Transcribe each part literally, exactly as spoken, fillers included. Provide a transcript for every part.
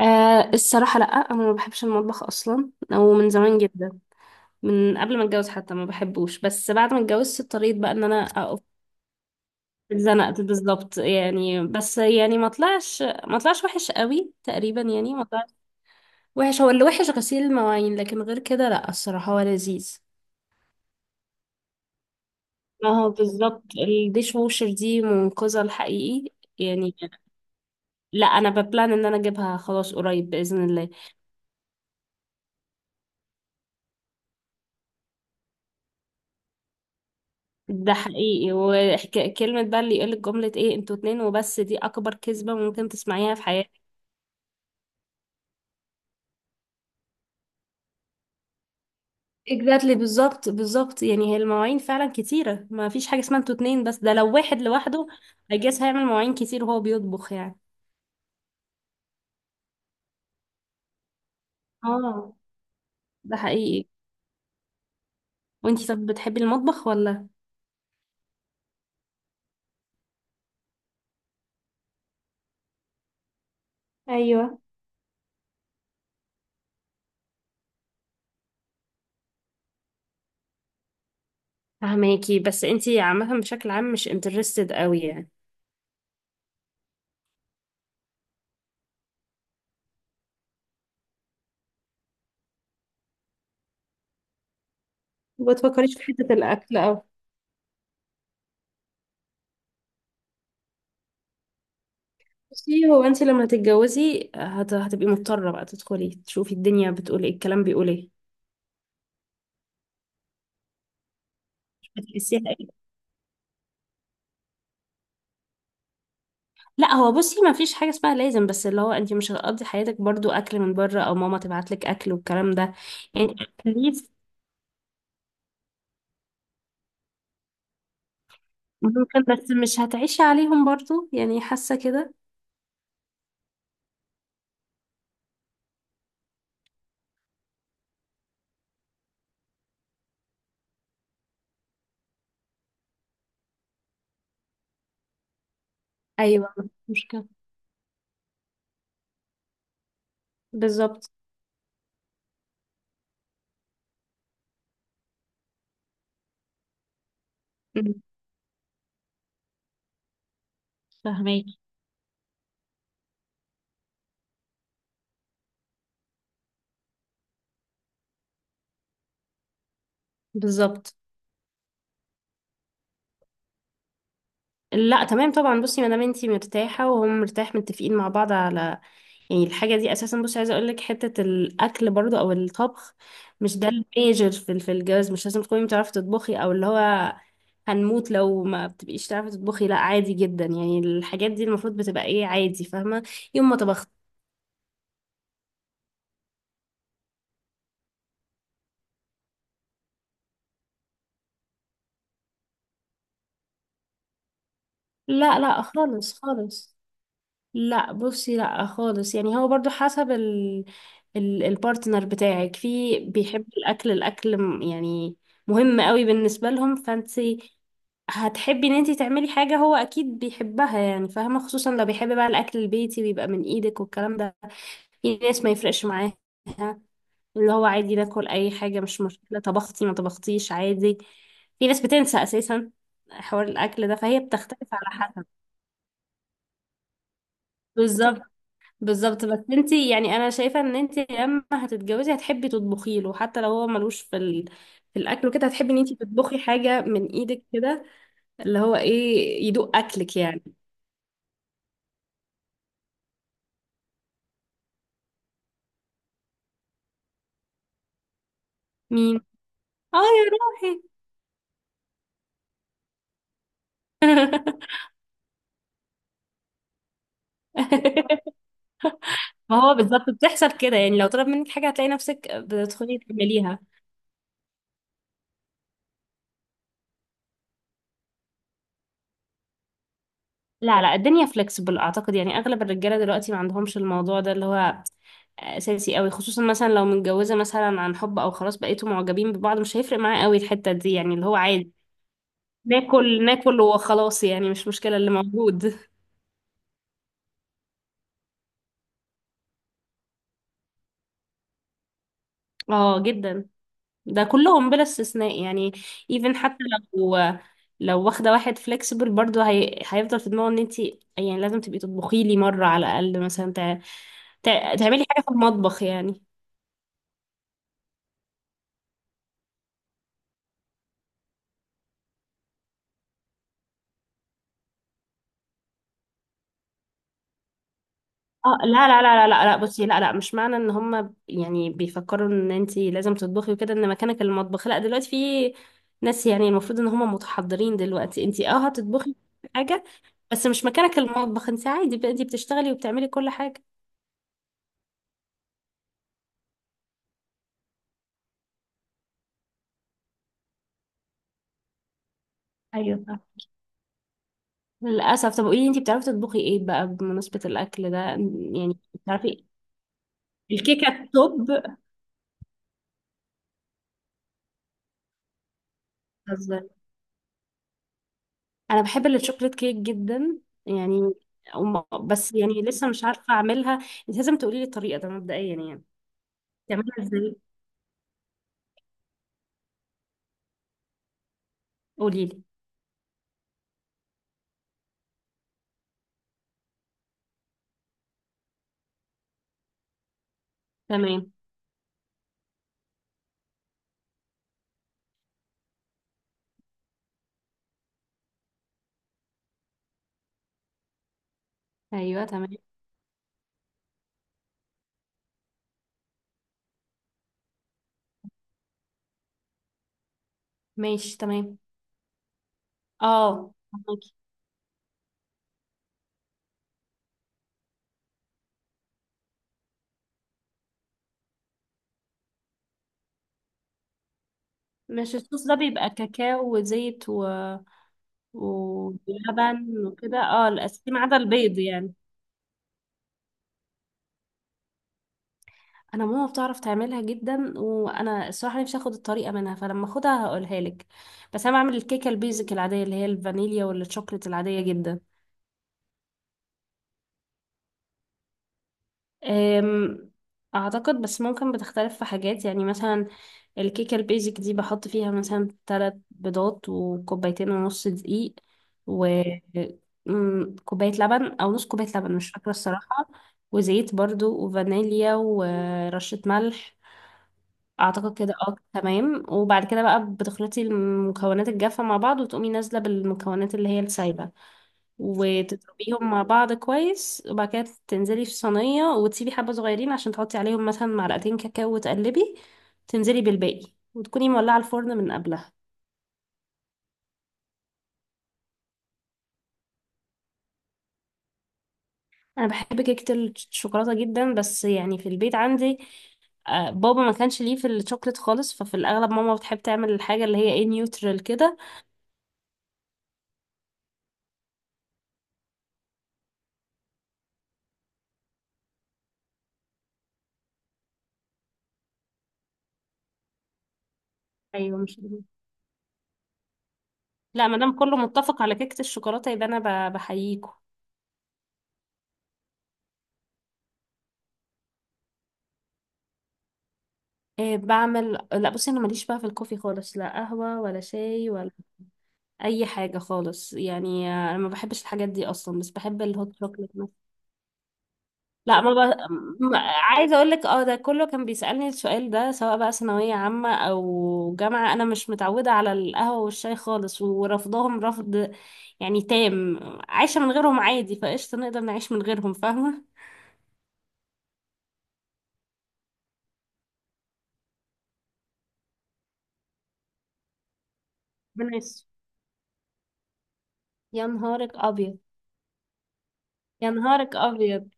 آه الصراحة لأ، أنا ما بحبش المطبخ أصلا، أو من زمان جدا. من قبل ما أتجوز حتى ما بحبوش، بس بعد ما اتجوزت اضطريت بقى إن أنا أقف. اتزنقت بالظبط، يعني بس يعني ما طلعش ما طلعش وحش قوي، تقريبا يعني ما طلعش وحش. هو اللي وحش غسيل المواعين، لكن غير كده لأ، الصراحة هو لذيذ. ما هو بالظبط الديش ووشر دي منقذة الحقيقي. يعني، لأ أنا ببلان إن أنا أجيبها خلاص قريب بإذن الله. ده حقيقي، وكلمة بقى اللي يقولك جملة ايه انتوا اتنين وبس، دي اكبر كذبة ممكن تسمعيها في حياتك. اكزاكتلي، بالظبط بالظبط يعني هي المواعين فعلا كتيرة، ما فيش حاجة اسمها انتوا اتنين. بس ده لو واحد لوحده هيجاز هيعمل مواعين كتير وهو بيطبخ يعني. اه ده حقيقي. وانتي طب بتحبي المطبخ ولا؟ ايوه فهماكي، بس انتي عامة بشكل عام مش انترستد قوي يعني. ما تفكريش في حتة الاكل. بصي هو انت لما تتجوزي هت... هتبقي مضطرة بقى تدخلي تشوفي الدنيا بتقول ايه، الكلام بيقول ايه. بتحسيها ايه؟ لا هو بصي ما فيش حاجة اسمها لازم، بس اللي هو انت مش هتقضي حياتك برضو اكل من بره، او ماما تبعت لك اكل والكلام ده. يعني تكاليف. ممكن، بس مش هتعيشي عليهم برضو يعني، حاسة كده. ايوه مفيش مشكلة. بالظبط. مم. فهماكي. بالظبط. لا تمام طبعا، بصي ما دام انتي مرتاحه وهم مرتاح، متفقين مع بعض على، يعني الحاجه دي اساسا. بصي عايزه اقول لك حته الاكل برضو او الطبخ مش ده الميجر في في الجواز. مش لازم تكوني بتعرفي تطبخي، او اللي هو هنموت لو ما بتبقيش تعرفي تطبخي، لا عادي جدا يعني. الحاجات دي المفروض بتبقى ايه، عادي، فاهمه؟ يوم ما طبخت. لا لا خالص خالص. لا بصي لا خالص، يعني هو برضو حسب ال ال البارتنر بتاعك. في بيحب الاكل، الاكل م- يعني مهم قوي بالنسبة لهم، فانتي هتحبي ان انتي تعملي حاجة هو اكيد بيحبها، يعني فاهمة، خصوصا لو بيحب بقى الاكل البيتي ويبقى من ايدك والكلام ده. في ناس ما يفرقش معاها، اللي هو عادي، ناكل اي حاجة مش مشكلة، طبختي ما طبختيش عادي. في ناس بتنسى اساسا حوار الاكل ده، فهي بتختلف على حسب. بالظبط. بالظبط، بس انت يعني انا شايفه ان انت لما هتتجوزي هتحبي تطبخي له، حتى لو هو ملوش في ال... في الاكل وكده، هتحبي ان انت تطبخي حاجه من ايدك كده، اللي هو ايه، يدوق اكلك يعني. مين؟ اه يا روحي. ما هو بالظبط، بتحصل كده يعني، لو طلب منك حاجه هتلاقي نفسك بتدخلي تعمليها. لا لا، الدنيا فلكسبل اعتقد، يعني اغلب الرجاله دلوقتي ما عندهمش الموضوع ده، اللي هو آه، اساسي قوي. خصوصا مثلا لو متجوزه مثلا عن حب، او خلاص بقيتوا معجبين ببعض، مش هيفرق معاه قوي الحته دي يعني، اللي هو عادي ناكل ناكل وخلاص يعني، مش مشكله اللي موجود. اه جدا. ده كلهم بلا استثناء يعني. ايفن حتى لو لو واخده واحد فلكسبل برضه هي... هيفضل في دماغه ان انت يعني لازم تبقي تطبخي لي مره على الاقل مثلا، تع... تع... تعملي حاجه في المطبخ يعني. اه لا لا لا لا لا لا، بصي لا لا، مش معنى ان هم ب- يعني بيفكروا ان انت لازم تطبخي وكده ان مكانك المطبخ، لا دلوقتي في ناس يعني المفروض ان هم متحضرين دلوقتي، انت اه هتطبخي حاجة، بس مش مكانك المطبخ، انت عادي بقى انت بتشتغلي وبتعملي كل حاجة. ايوه فاهمة. للأسف. طب قولي لي انت بتعرفي تطبخي ايه بقى بمناسبة الأكل ده، يعني بتعرفي. الكيكة التوب. انا بحب الشوكليت كيك جدا يعني. أم- بس يعني لسه مش عارفه اعملها. انت لازم تقولي لي الطريقه ده مبدئيا يعني، تعملها ازاي. قولي لي. تمام. ايوه تمام. ماشي تمام. اه فهماكي. مش الصوص ده بيبقى كاكاو وزيت و... ولبن وكده، اه الاساسي ما عدا البيض يعني. انا ماما بتعرف تعملها جدا، وانا الصراحه نفسي اخد الطريقه منها، فلما اخدها هقولها لك. بس انا بعمل الكيكه البيزك العاديه، اللي هي الفانيليا والشوكليت العاديه جدا. أم، اعتقد بس ممكن بتختلف في حاجات يعني. مثلا الكيكه البيزك دي بحط فيها مثلا ثلاث بيضات، وكوبايتين ونص دقيق، وكوبايه لبن او نص كوبايه لبن مش فاكره الصراحه، وزيت برضو، وفانيليا، ورشه ملح. اعتقد كده اه تمام. وبعد كده بقى بتخلطي المكونات الجافه مع بعض، وتقومي نازله بالمكونات اللي هي السايبه، وتضربيهم مع بعض كويس. وبعد كده تنزلي في صينية، وتسيبي حبة صغيرين عشان تحطي عليهم مثلا معلقتين كاكاو وتقلبي. تنزلي بالباقي، وتكوني مولعة الفرن من قبلها. أنا بحب كيكة الشوكولاتة جدا، بس يعني في البيت عندي آه، بابا ما كانش ليه في الشوكليت خالص، ففي الأغلب ماما بتحب تعمل الحاجة اللي هي ايه، نيوترال كده. ايوه مش. لا ما دام كله متفق على كيكة الشوكولاتة يبقى أنا ب- بحييكوا. آه، بعمل، لا بصي أنا ماليش بقى في الكوفي خالص، لا قهوة ولا شاي ولا اي حاجه خالص يعني، انا ما بحبش الحاجات دي اصلا، بس بحب الهوت شوكليت مثلا. لا ما, ب... ما عايزه اقول لك اه، ده كله كان بيسالني السؤال ده، سواء بقى ثانويه عامه او جامعه. انا مش متعوده على القهوه والشاي خالص، ورفضهم رفض يعني تام. عايشه من غيرهم عادي، فقشطه نقدر نعيش من غيرهم فاهمه. بنعيش. يا نهارك ابيض. يا نهارك ابيض.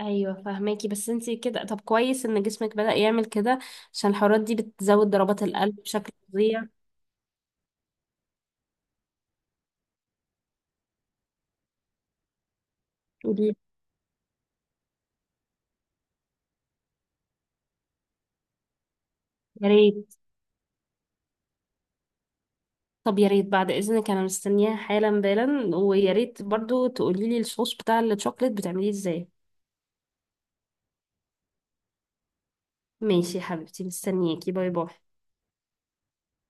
ايوه فهماكي، بس انتي كده طب كويس ان جسمك بدأ يعمل كده، عشان الحرارات دي بتزود ضربات القلب بشكل فظيع. يا ريت. طب يا ريت بعد اذنك انا مستنياها حالا، بالا، ويا ريت برضو تقولي لي الصوص بتاع الشوكليت بتعمليه ازاي. ماشي يا حبيبتي، مستنياكي، باي باي.